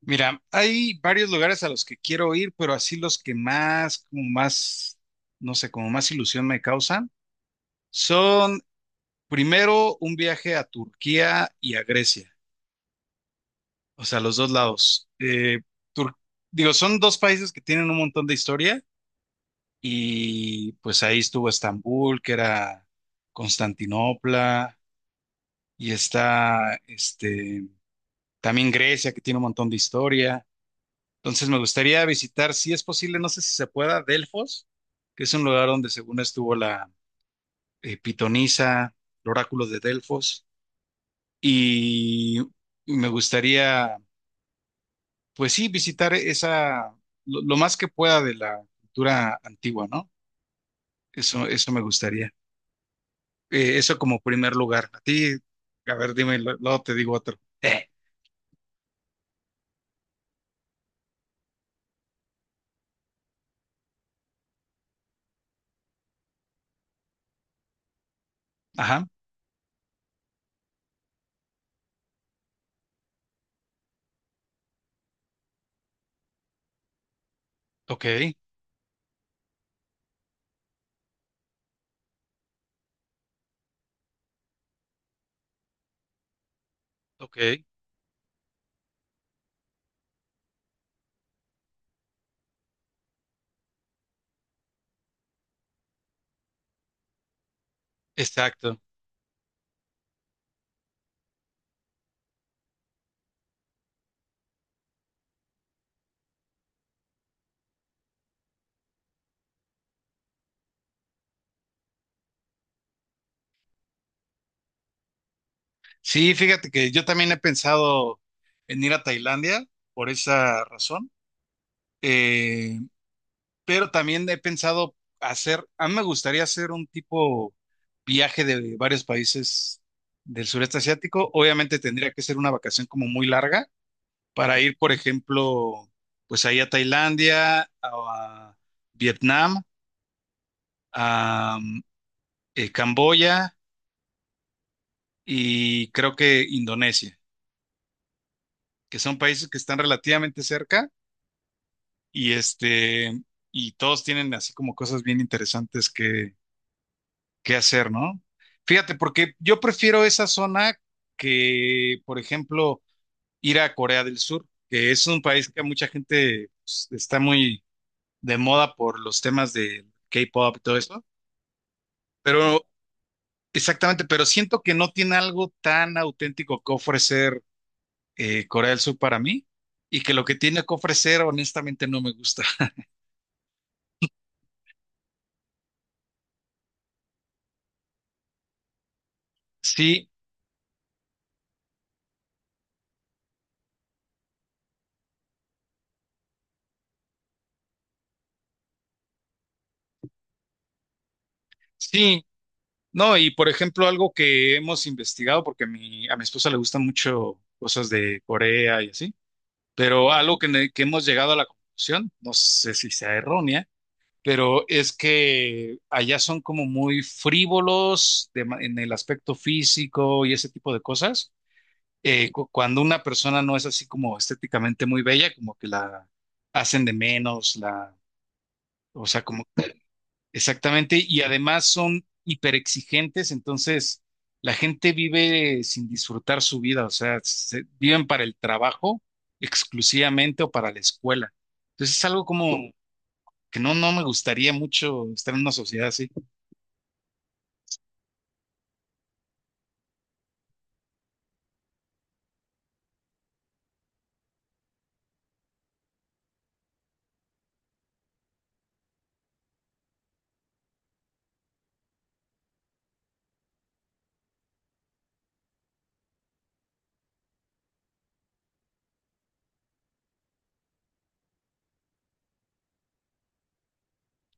Mira, hay varios lugares a los que quiero ir, pero así los que más, como más, no sé, como más ilusión me causan, son primero un viaje a Turquía y a Grecia, o sea, los dos lados. Tur- Digo, son dos países que tienen un montón de historia y pues ahí estuvo Estambul, que era Constantinopla, y está, también Grecia, que tiene un montón de historia. Entonces me gustaría visitar, si es posible, no sé si se pueda, Delfos, que es un lugar donde según estuvo la pitonisa, el oráculo de Delfos, y me gustaría, pues sí, visitar esa, lo más que pueda de la cultura antigua, ¿no? Eso me gustaría. Eso como primer lugar. A ti, a ver, dime, luego te digo otro. Ajá, ok, ok, exacto. Sí, fíjate que yo también he pensado en ir a Tailandia por esa razón, eh, pero también he pensado hacer, a mí me gustaría hacer un tipo viaje de varios países del sureste asiático. Obviamente tendría que ser una vacación como muy larga para ir, por ejemplo, pues ahí a Tailandia, a Vietnam, a mm, Camboya y creo que Indonesia, que son países que están relativamente cerca y y todos tienen así como cosas bien interesantes que hacer, ¿no? Fíjate, porque yo prefiero esa zona que, por ejemplo, ir a Corea del Sur, que es un país que mucha gente pues, está muy de moda por los temas de K-pop y todo eso, pero exactamente, pero siento que no tiene algo tan auténtico que ofrecer Corea del Sur para mí. Y que lo que tiene que ofrecer, honestamente, no me gusta. Sí, sí, no, y por ejemplo, algo que hemos investigado, porque a mi esposa le gustan mucho cosas de Corea y así, pero algo que, que hemos llegado a la conclusión, no sé si sea errónea, pero es que allá son como muy frívolos en el aspecto físico y ese tipo de cosas. Cuando una persona no es así como estéticamente muy bella, como que la hacen de menos, la, o sea, como exactamente, y además son hiperexigentes, entonces la gente vive sin disfrutar su vida, o sea, viven para el trabajo exclusivamente o para la escuela. Entonces es algo como que no, no me gustaría mucho estar en una sociedad así.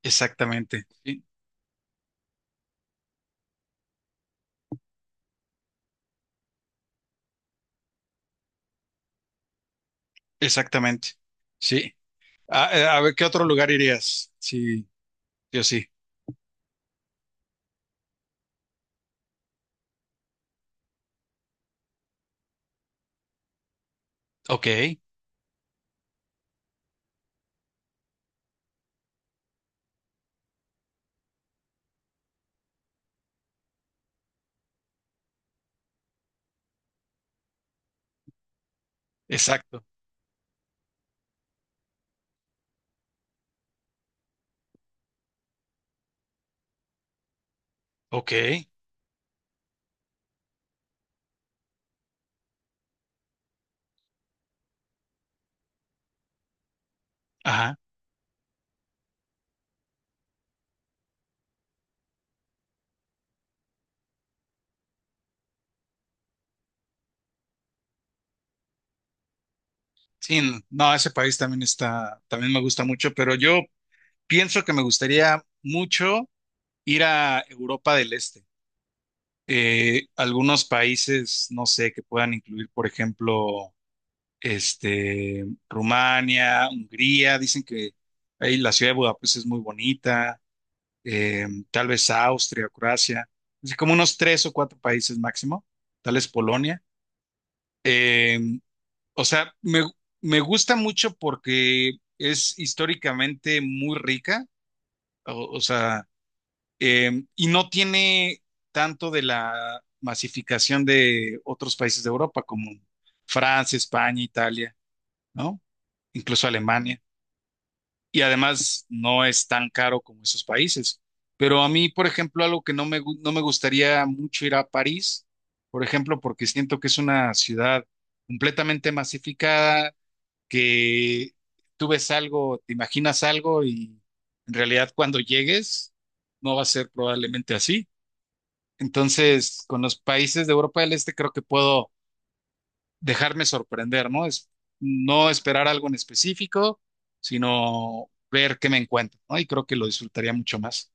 Exactamente, sí, exactamente, sí. A ver, ¿qué otro lugar irías? Sí, yo sí. Ok, exacto, ok, ajá. Sí, no, ese país también está, también me gusta mucho, pero yo pienso que me gustaría mucho ir a Europa del Este. Algunos países, no sé, que puedan incluir, por ejemplo, Rumania, Hungría, dicen que ahí la ciudad de Budapest es muy bonita, eh, tal vez Austria, Croacia, así como unos tres o cuatro países máximo, tal vez Polonia. Eh, o sea, me gusta mucho porque es históricamente muy rica, o sea. Y no tiene tanto de la masificación de otros países de Europa como Francia, España, Italia, ¿no? Incluso Alemania. Y además no es tan caro como esos países. Pero a mí, por ejemplo, algo que no me, no me gustaría mucho ir a París, por ejemplo, porque siento que es una ciudad completamente masificada, que tú ves algo, te imaginas algo y en realidad cuando llegues no va a ser probablemente así. Entonces, con los países de Europa del Este creo que puedo dejarme sorprender, ¿no? Es no esperar algo en específico, sino ver qué me encuentro, ¿no? Y creo que lo disfrutaría mucho más.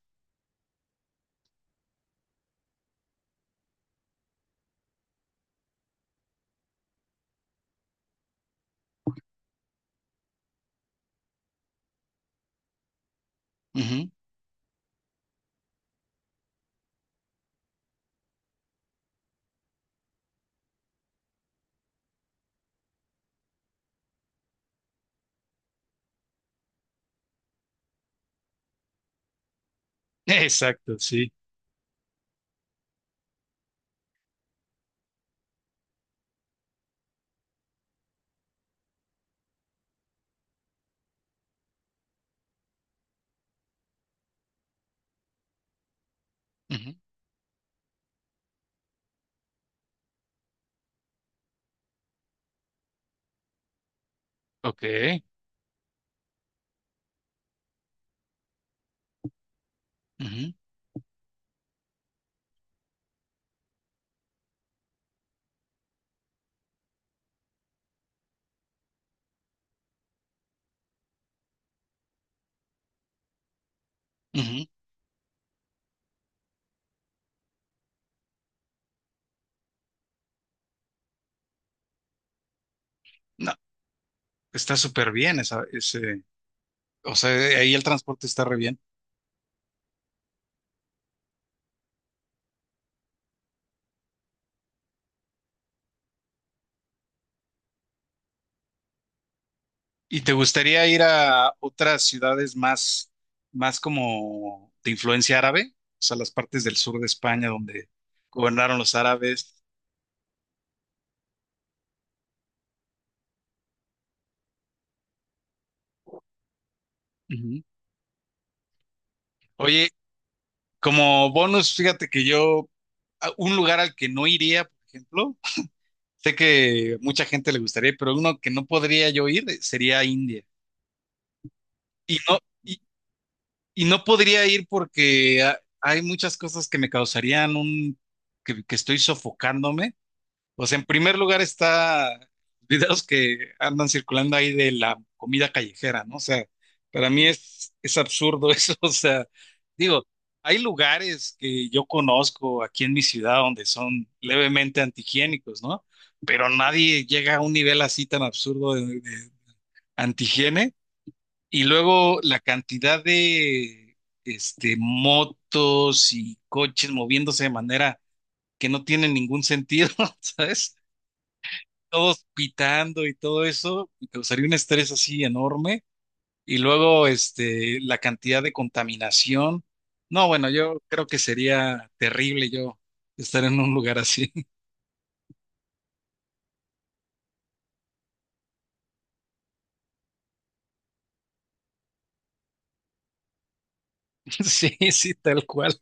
Ujú. Exacto, sí. Ujú. Ok. Ujú, ujú. No, está súper bien esa, ese, o sea, ahí el transporte está re bien. ¿Y te gustaría ir a otras ciudades más, más como de influencia árabe? O sea, las partes del sur de España donde gobernaron los árabes. Ujú. Oye, como bonus, fíjate que yo, un lugar al que no iría, por ejemplo, sé que mucha gente le gustaría, pero uno que no podría yo ir sería India. Y no, y, y no podría ir porque hay muchas cosas que me causarían un, que estoy sofocándome. Pues en primer lugar está videos que andan circulando ahí de la comida callejera, ¿no? O sea, para mí es absurdo eso, o sea, digo, hay lugares que yo conozco aquí en mi ciudad donde son levemente antihigiénicos, ¿no? Pero nadie llega a un nivel así tan absurdo de antihigiene. Y luego la cantidad de motos y coches moviéndose de manera que no tiene ningún sentido, ¿sabes? Todos pitando y todo eso, me causaría un estrés así enorme. Y luego, la cantidad de contaminación. No, bueno, yo creo que sería terrible yo estar en un lugar así. Sí, sí, tal cual.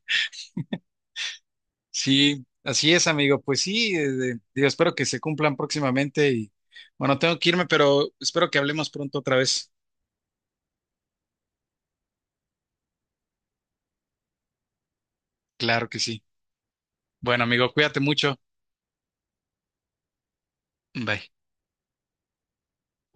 Sí, así es, amigo. Pues sí, digo, espero que se cumplan próximamente y bueno, tengo que irme, pero espero que hablemos pronto otra vez. Claro que sí. Bueno, amigo, cuídate mucho. Bye.